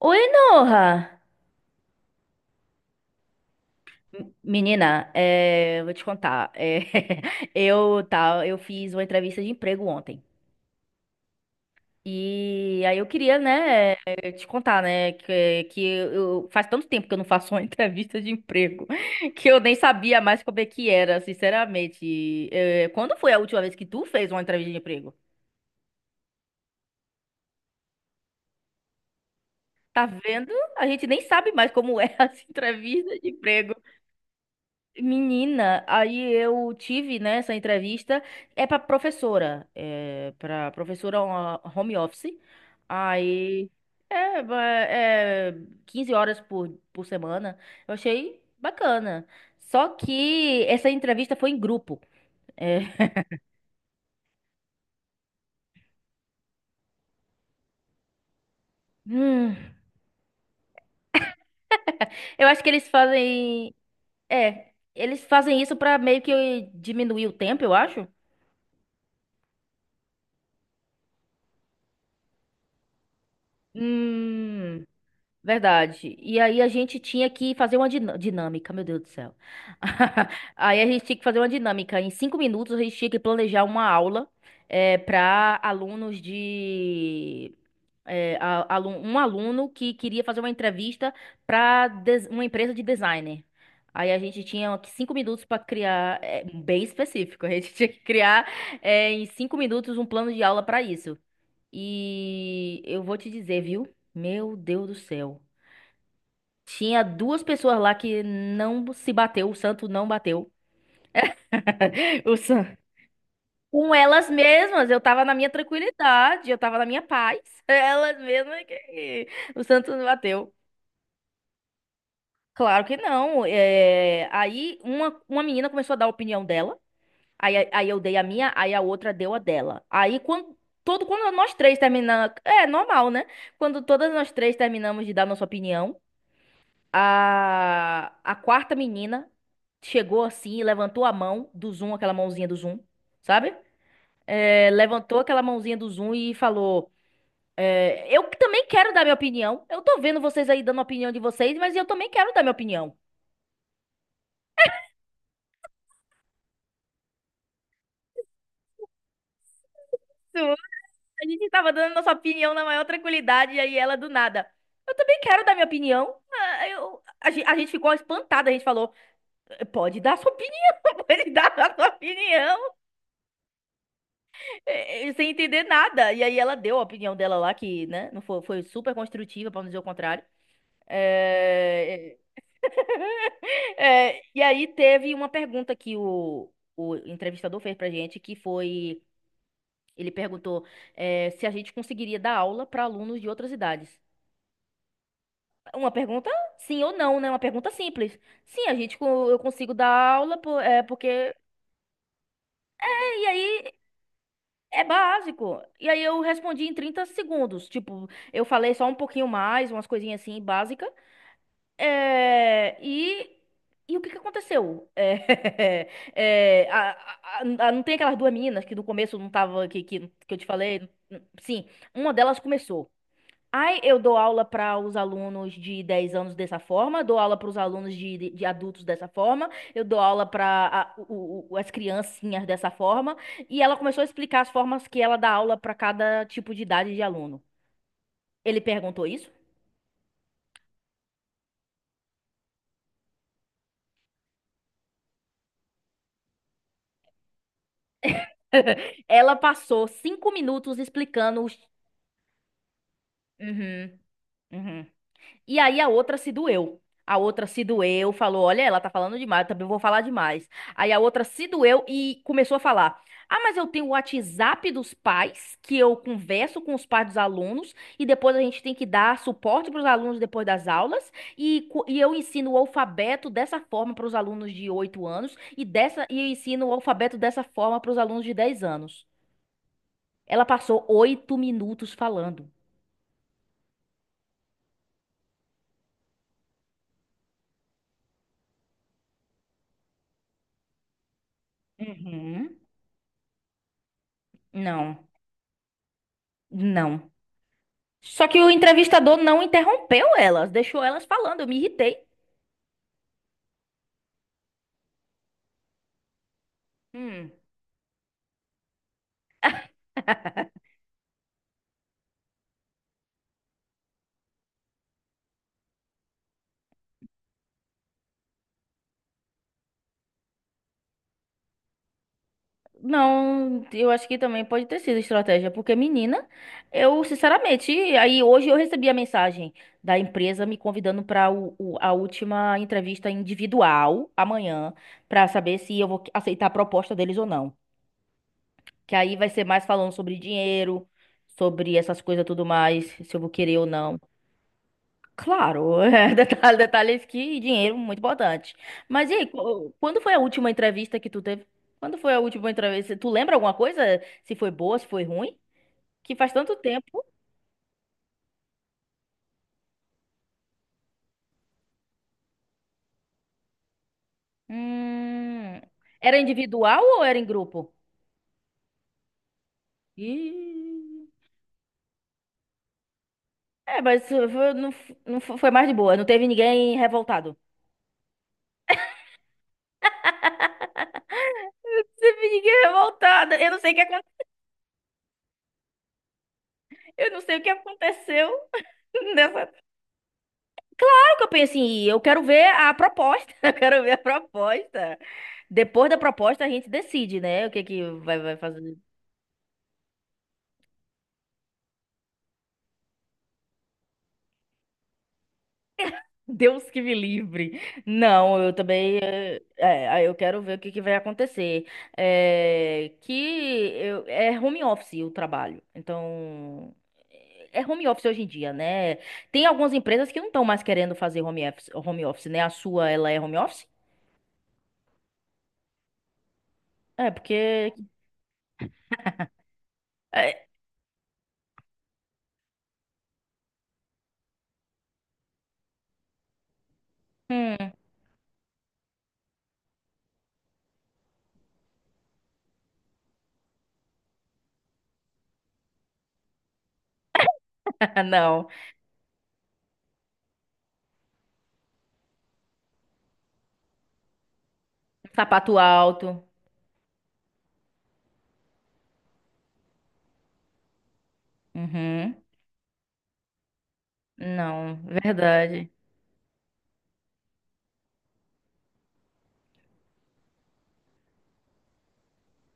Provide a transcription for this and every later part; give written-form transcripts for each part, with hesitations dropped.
Oi, Noha! Menina, eu vou te contar. Eu, tá, eu fiz uma entrevista de emprego ontem. E aí eu queria, né, te contar, né, que eu, faz tanto tempo que eu não faço uma entrevista de emprego que eu nem sabia mais como é que era, sinceramente. Quando foi a última vez que tu fez uma entrevista de emprego? Tá vendo? A gente nem sabe mais como é as entrevistas de emprego. Menina, aí eu tive, né, essa entrevista, é pra professora ó, home office, aí é, ba- é 15 horas por semana, eu achei bacana, só que essa entrevista foi em grupo. é. Hum, eu acho que eles fazem isso pra meio que diminuir o tempo, eu acho. Hum. Verdade. E aí a gente tinha que fazer uma dinâmica, meu Deus do céu. Aí a gente tinha que fazer uma dinâmica. Em 5 minutos a gente tinha que planejar uma aula para alunos de. Um aluno que queria fazer uma entrevista para uma empresa de designer. Aí a gente tinha que 5 minutos para criar, bem específico, a gente tinha que criar em 5 minutos um plano de aula para isso. E eu vou te dizer, viu? Meu Deus do céu. Tinha duas pessoas lá que não se bateu, o santo não bateu. O san... Com elas mesmas, eu tava na minha tranquilidade, eu tava na minha paz. Elas mesmas que o santo não bateu. Claro que não. Aí uma menina começou a dar a opinião dela. Aí eu dei a minha, aí a outra deu a dela. Aí quando nós três terminamos, é normal, né? Quando todas nós três terminamos de dar nossa opinião, a quarta menina chegou assim e levantou a mão do Zoom, aquela mãozinha do Zoom, sabe? Levantou aquela mãozinha do Zoom e falou: Eu também quero dar minha opinião. Eu tô vendo vocês aí dando a opinião de vocês, mas eu também quero dar minha opinião. A gente tava dando nossa opinião na maior tranquilidade, e aí ela do nada. Eu também quero dar minha opinião. Ah, a gente ficou espantada, a gente falou: Pode dar sua opinião, pode dar a sua opinião. Sem entender nada. E aí ela deu a opinião dela lá, que, né, não foi, foi super construtiva, pra não dizer o contrário. É, e aí teve uma pergunta que o entrevistador fez pra gente, que foi, ele perguntou, se a gente conseguiria dar aula pra alunos de outras idades. Uma pergunta sim ou não, né? Uma pergunta simples. Sim, eu consigo dar aula, porque... E aí. É básico. E aí eu respondi em 30 segundos. Tipo, eu falei só um pouquinho mais, umas coisinhas assim básica. É, E e o que que aconteceu? É, a- a- não tem aquelas duas meninas que no começo não tava que eu te falei? Sim, uma delas começou. Ai, eu dou aula para os alunos de 10 anos dessa forma, dou aula para os alunos de adultos dessa forma, eu dou aula para as criancinhas dessa forma. E ela começou a explicar as formas que ela dá aula para cada tipo de idade de aluno. Ele perguntou isso? Ela passou 5 minutos explicando os. Uhum, uhum. E aí a outra se doeu. A outra se doeu, falou: Olha, ela tá falando demais, eu também vou falar demais. Aí a outra se doeu e começou a falar: Ah, mas eu tenho o WhatsApp dos pais, que eu converso com os pais dos alunos, e depois a gente tem que dar suporte para os alunos depois das aulas, e eu ensino o alfabeto dessa forma para os alunos de 8 anos, e eu ensino o alfabeto dessa forma para os alunos de 10 anos. Ela passou 8 minutos falando. Uhum. Não, não. Só que o entrevistador não interrompeu elas, deixou elas falando, eu me irritei. Hum. Não, eu acho que também pode ter sido estratégia, porque menina, eu sinceramente, aí hoje eu recebi a mensagem da empresa me convidando para a última entrevista individual amanhã, para saber se eu vou aceitar a proposta deles ou não. Que aí vai ser mais falando sobre dinheiro, sobre essas coisas tudo mais, se eu vou querer ou não. Claro, detalhes que dinheiro muito importante. Mas e aí, quando foi a última entrevista que tu teve? Quando foi a última entrevista? Tu lembra alguma coisa? Se foi boa, se foi ruim? Que faz tanto tempo. Hum. Era individual ou era em grupo? Ih, mas não, não foi mais de boa. Não teve ninguém revoltado. Não teve ninguém revoltado. Eu não sei o que, aconteceu nessa. Que eu penso assim Eu quero ver a proposta. Eu quero ver a proposta. Depois da proposta, a gente decide, né? O que que vai fazer. Deus que me livre. Não, eu também. Aí eu quero ver o que que vai acontecer. É, que é home office o trabalho. Então. É home office hoje em dia, né? Tem algumas empresas que não estão mais querendo fazer home office, né? A sua, ela é home office? É, porque. é, hum, não. Sapato alto. Uhum. Não, verdade.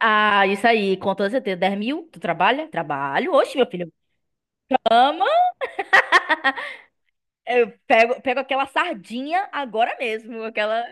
Ah, isso aí, com toda certeza. 10 mil? Tu trabalha? Trabalho. Oxe, meu filho. Amo. Eu pego aquela sardinha agora mesmo. Aquela.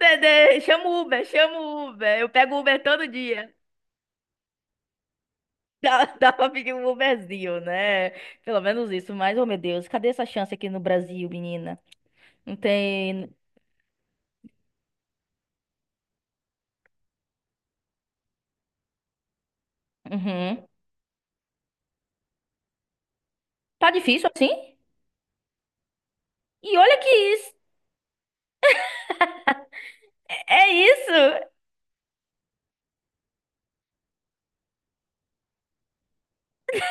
Dedê, chama o Uber, chama o Uber. Eu pego Uber todo dia. Dá pra pedir um Uberzinho, né? Pelo menos isso. Mas, oh meu Deus, cadê essa chance aqui no Brasil, menina? Não tem. Uhum. Tá difícil assim? E olha que isso. É isso!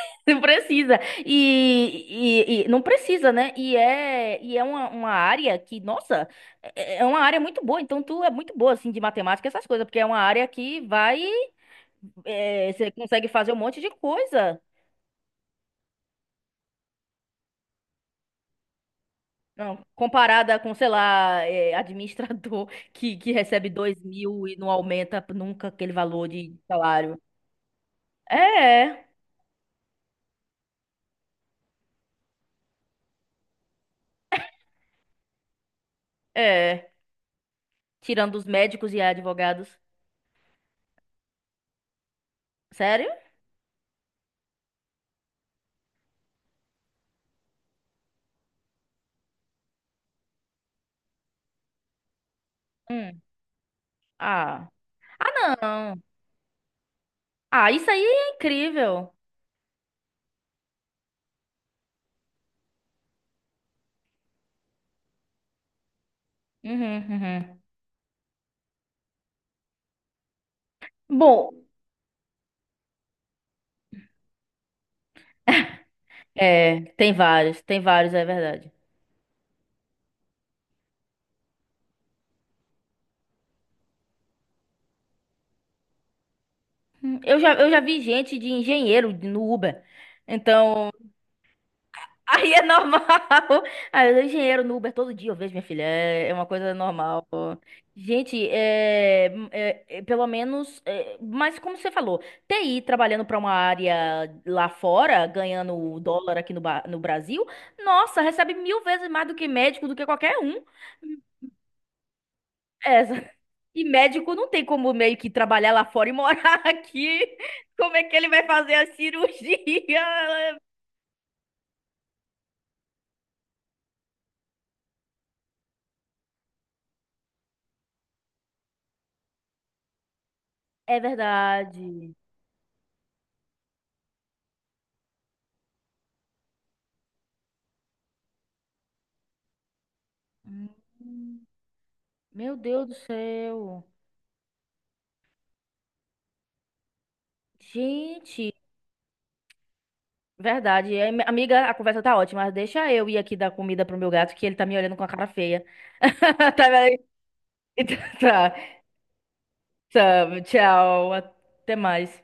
Não precisa. E não precisa, né? E é uma área que, nossa, é uma área muito boa. Então, tu é muito boa, assim, de matemática, essas coisas, porque é uma área que vai. Você consegue fazer um monte de coisa. Não, comparada com, sei lá, administrador que recebe 2 mil e não aumenta nunca aquele valor de salário. É, é. Tirando os médicos e advogados. Sério? Hum. Ah. Ah, não. Ah, isso aí é incrível. Uhum, uhum. Bom, tem vários, é verdade. Eu já vi gente de engenheiro no Uber. Então, aí é normal. Ah, eu sou engenheiro no Uber todo dia, eu vejo minha filha. É uma coisa normal. Gente, pelo menos. Mas como você falou, TI trabalhando para uma área lá fora, ganhando o dólar aqui no Brasil, nossa, recebe mil vezes mais do que médico, do que qualquer um. Essa. E médico não tem como meio que trabalhar lá fora e morar aqui. Como é que ele vai fazer a cirurgia? É verdade. Hum, Meu Deus do céu. Gente, verdade. Amiga, a conversa tá ótima, mas deixa eu ir aqui dar comida pro meu gato, que ele tá me olhando com a cara feia. Tá, bem? Tá, tá. Tchau, até mais.